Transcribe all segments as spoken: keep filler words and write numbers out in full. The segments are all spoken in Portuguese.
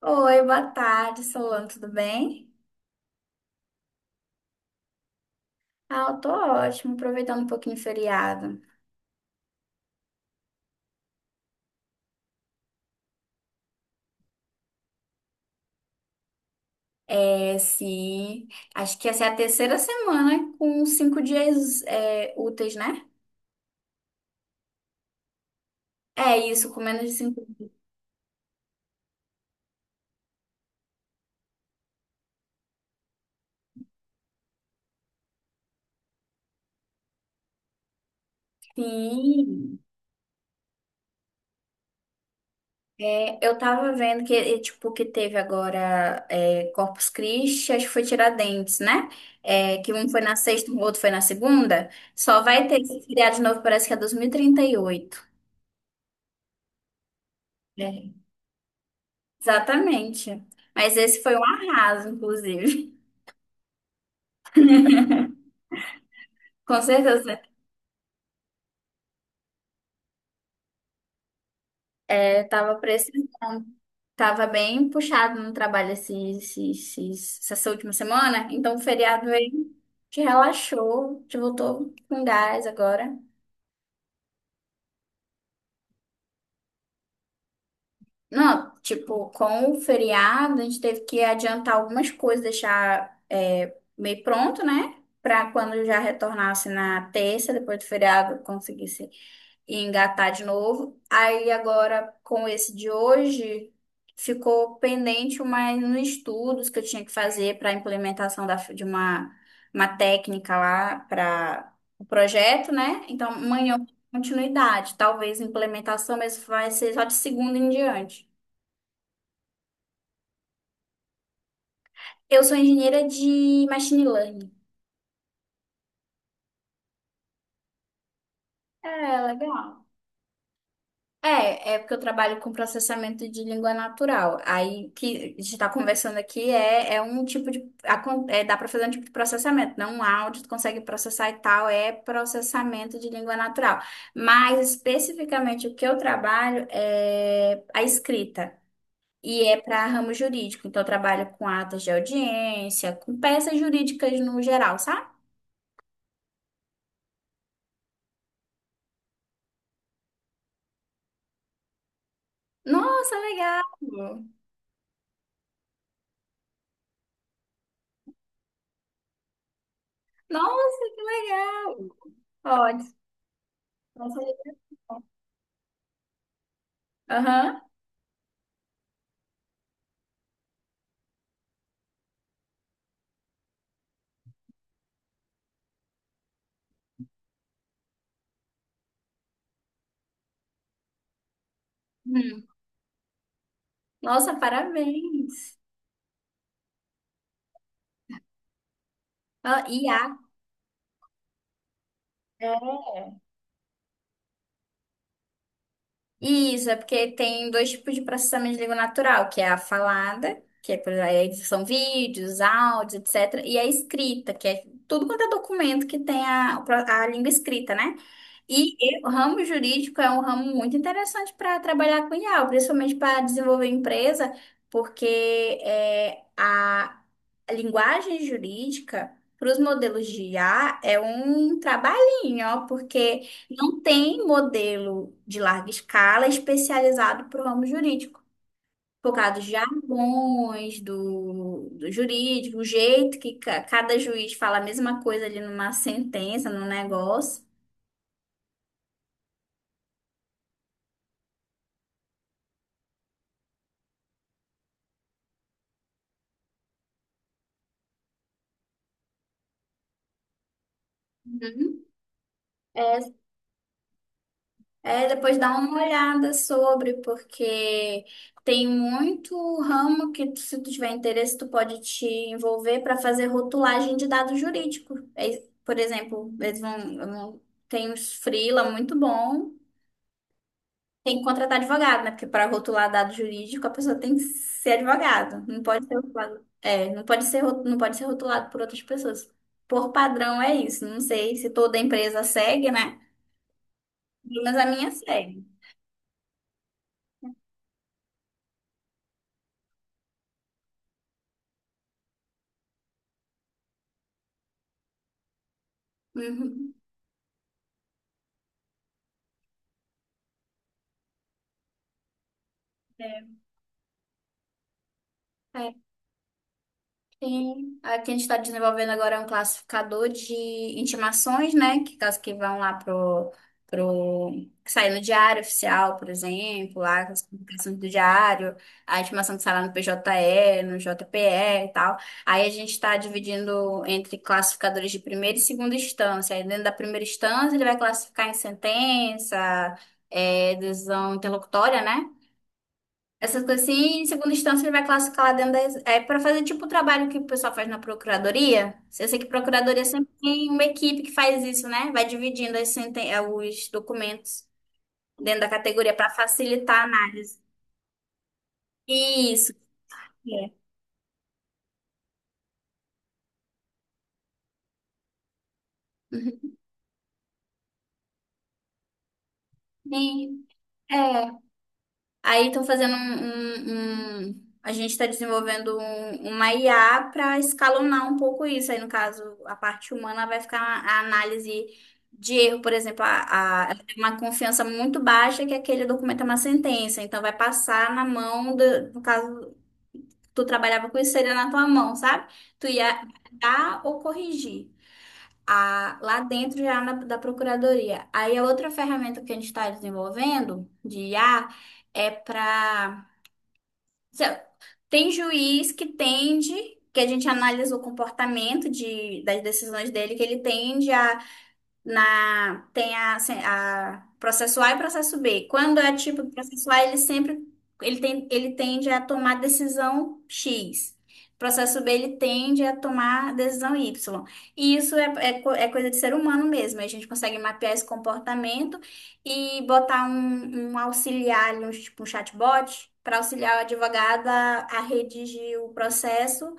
Oi, boa tarde, Solano, tudo bem? Ah, eu tô ótimo, aproveitando um pouquinho o feriado. É, sim, acho que essa é a terceira semana com cinco dias é, úteis, né? É isso, com menos de cinco. Sim, é, eu tava vendo que, é, tipo, que teve agora é, Corpus Christi, acho que foi Tiradentes, né? É, que um foi na sexta, o outro foi na segunda. Só vai ter esse feriado de novo, parece que é dois mil e trinta e oito. É. Exatamente. Mas esse foi um arraso, inclusive. Com certeza. É, tava precisando. Tava bem puxado no trabalho esse, esse- esses- essa última semana. Então, o feriado aí te relaxou, te voltou com gás agora. Não, tipo, com o feriado, a gente teve que adiantar algumas coisas, deixar é, meio pronto, né? Pra quando já retornasse na terça, depois do feriado, conseguisse e engatar de novo. Aí agora, com esse de hoje, ficou pendente mais nos estudos que eu tinha que fazer para a implementação da, de uma, uma técnica lá para o projeto, né? Então, amanhã eu dou continuidade. Talvez implementação, mas vai ser só de segunda em diante. Eu sou engenheira de machine learning. É, legal. É, é porque eu trabalho com processamento de língua natural. Aí o que a gente está conversando aqui é, é um tipo de. acon- é, dá para fazer um tipo de processamento, não um áudio, tu consegue processar e tal, é processamento de língua natural. Mas especificamente o que eu trabalho é a escrita. E é para ramo jurídico. Então, eu trabalho com atas de audiência, com peças jurídicas no geral, sabe? Nossa, legal! Nossa, que legal! Ótimo. Nossa, legal. Aham. Hum. Nossa, parabéns. Ah, I A. É. Isso, é porque tem dois tipos de processamento de língua natural, que é a falada, que é, por exemplo, são vídeos, áudios, etcétera, e a escrita, que é tudo quanto é documento que tem a, a língua escrita, né? E e o ramo jurídico é um ramo muito interessante para trabalhar com I A, principalmente para desenvolver empresa, porque é, a linguagem jurídica para os modelos de I A é um trabalhinho, ó, porque não tem modelo de larga escala especializado para o ramo jurídico. Por causa dos jargões, do, do jurídico, o jeito que ca- cada juiz fala a mesma coisa ali numa sentença, num negócio. Uhum. É, depois dá uma olhada sobre, porque tem muito ramo que, se tu tiver interesse, tu pode te envolver para fazer rotulagem de dados jurídicos. É, por exemplo, eles vão, vão- tem uns freela muito bom, tem que contratar advogado, né? Porque para rotular dado jurídico, a pessoa tem que ser advogado, não pode ser rotulado, é, não pode ser, ro- não pode ser rotulado por outras pessoas. Por padrão é isso. Não sei se toda empresa segue, né? Mas a minha segue. Uhum. É. É, tem. Aqui a gente está desenvolvendo agora é um classificador de intimações, né? Que caso que vão lá pro, pro que sai no diário oficial, por exemplo, lá as publicações do diário, a intimação que sai lá no P J E, no JPE e e tal. Aí a gente está dividindo entre classificadores de primeira e segunda instância. Aí dentro da primeira instância ele vai classificar em sentença, é, decisão interlocutória, né? Essas coisas assim, e em segunda instância, ele vai classificar lá dentro da. É para fazer tipo o trabalho que o pessoal faz na procuradoria. Eu sei que procuradoria sempre tem uma equipe que faz isso, né? Vai dividindo as senten- eh, os documentos dentro da categoria para facilitar a análise. Isso. É. Uhum. E, é, Aí estão fazendo um, um- um- A gente está desenvolvendo um- uma I A para escalonar um pouco isso. Aí, no caso, a parte humana vai ficar a análise de erro, por exemplo, a, a- ela tem uma confiança muito baixa que aquele documento é uma sentença. Então, vai passar na mão, do, no caso, tu trabalhava com isso, seria na tua mão, sabe? Tu ia dar ou corrigir. a- lá dentro já na- da Procuradoria. Aí a outra ferramenta que a gente está desenvolvendo de I A é para se- Tem juiz que tende, que a gente analisa o comportamento de, das decisões dele, que ele tende na tem a, assim, a processo A e processo B. Quando é tipo processo A, ele sempre ele tem, ele tende a tomar decisão X. Processo B, ele tende a tomar decisão Y. E isso é, é, co- é coisa de ser humano mesmo. A gente consegue mapear esse comportamento e botar um, um auxiliar, ali, um, tipo um chatbot, para auxiliar o advogado a, a redigir o processo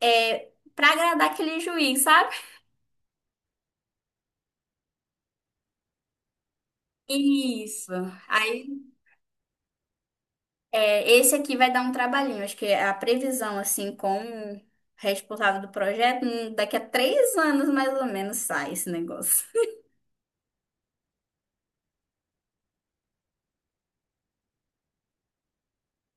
é, para agradar aquele juiz, sabe? Isso. É, esse aqui vai dar um trabalhinho. Acho que a previsão, assim, com o responsável do projeto, hum, daqui a três anos mais ou menos sai esse negócio.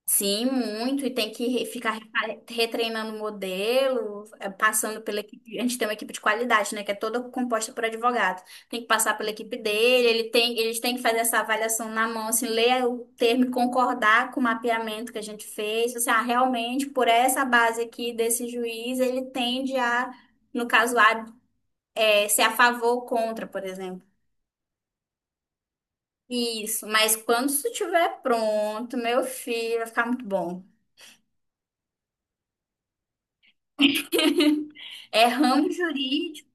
Sim, muito, e tem que re- ficar repa- retreinando o modelo, eh, passando pela equipe. A gente tem uma equipe de qualidade, né? Que é toda composta por advogado. Tem que passar pela equipe dele, ele tem, eles têm que fazer essa avaliação na mão, assim, ler o termo e concordar com o mapeamento que a gente fez. Assim, ah, realmente, por essa base aqui desse juiz, ele tende a, no caso A, eh, ser a favor ou contra, por exemplo. Isso, mas quando isso estiver pronto, meu filho, vai ficar muito bom. É ramo jurídico.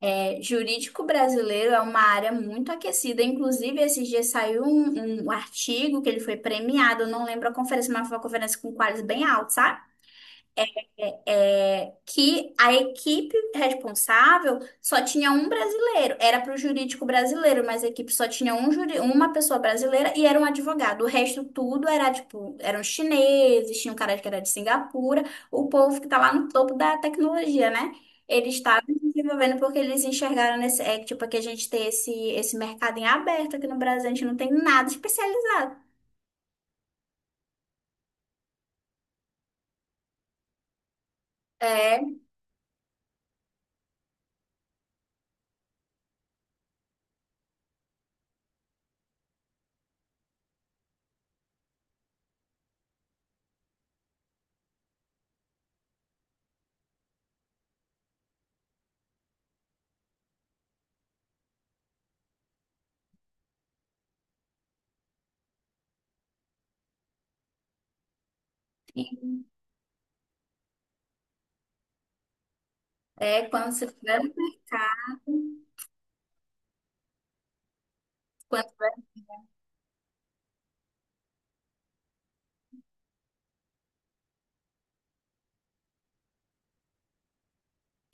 É, jurídico brasileiro é uma área muito aquecida. Inclusive, esses dias saiu um, um artigo que ele foi premiado. Eu não lembro a conferência, mas foi uma conferência com quadros bem altos, sabe? é, que a equipe responsável só tinha um brasileiro. Era para o jurídico brasileiro, mas a equipe só tinha um juri, uma pessoa brasileira e era um advogado. O resto tudo era tipo, eram chineses, tinha um cara que era de Singapura, o povo que tá lá no topo da tecnologia, né? Eles estavam desenvolvendo porque eles enxergaram nesse, é, tipo, que a gente tem esse, esse mercado em aberto aqui no Brasil, a gente não tem nada especializado. É, é quando se tiver no mercado, quando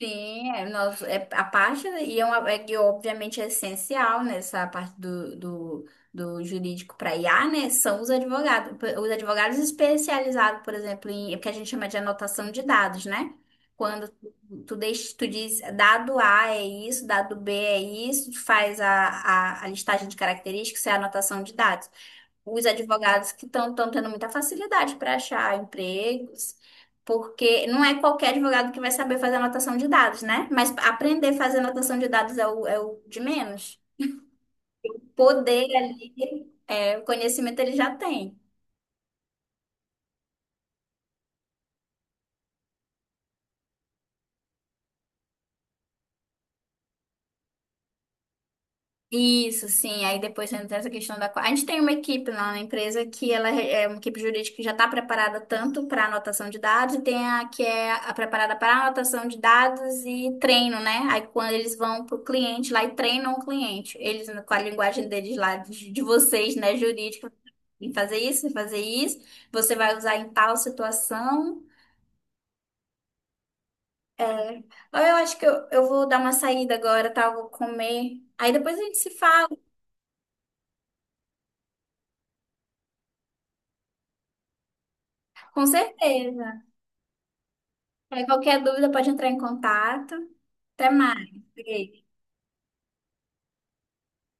Sim, é, nós, é a parte, né, e é, uma, é que obviamente é essencial nessa parte do, do, do jurídico para I A, né? São os advogados, os advogados especializados, por exemplo, em é o que a gente chama de anotação de dados, né? Quando tu, tu, deixa, tu diz dado A é isso, dado B é isso, tu faz a, a, a listagem de características, isso é a anotação de dados os advogados que estão tendo muita facilidade para achar empregos, porque não é qualquer advogado que vai saber fazer anotação de dados, né? Mas aprender a fazer anotação de dados é o, é o, de menos. Poder ali, é, o conhecimento ele já tem. Isso, sim. Aí depois entra essa questão da. A gente tem uma equipe lá na empresa que ela é uma equipe jurídica que já está preparada tanto para anotação de dados e tem a que é a preparada para anotação de dados e treino, né? Aí quando eles vão para o cliente lá e treinam o cliente, eles com a linguagem deles lá, de, de vocês, né, jurídica, em fazer isso, em fazer isso, você vai usar em tal situação. É. Eu acho que eu, eu vou dar uma saída agora, tá? Eu vou comer. Aí depois a gente se fala, com certeza. Aí qualquer dúvida pode entrar em contato. Até mais. Beijo.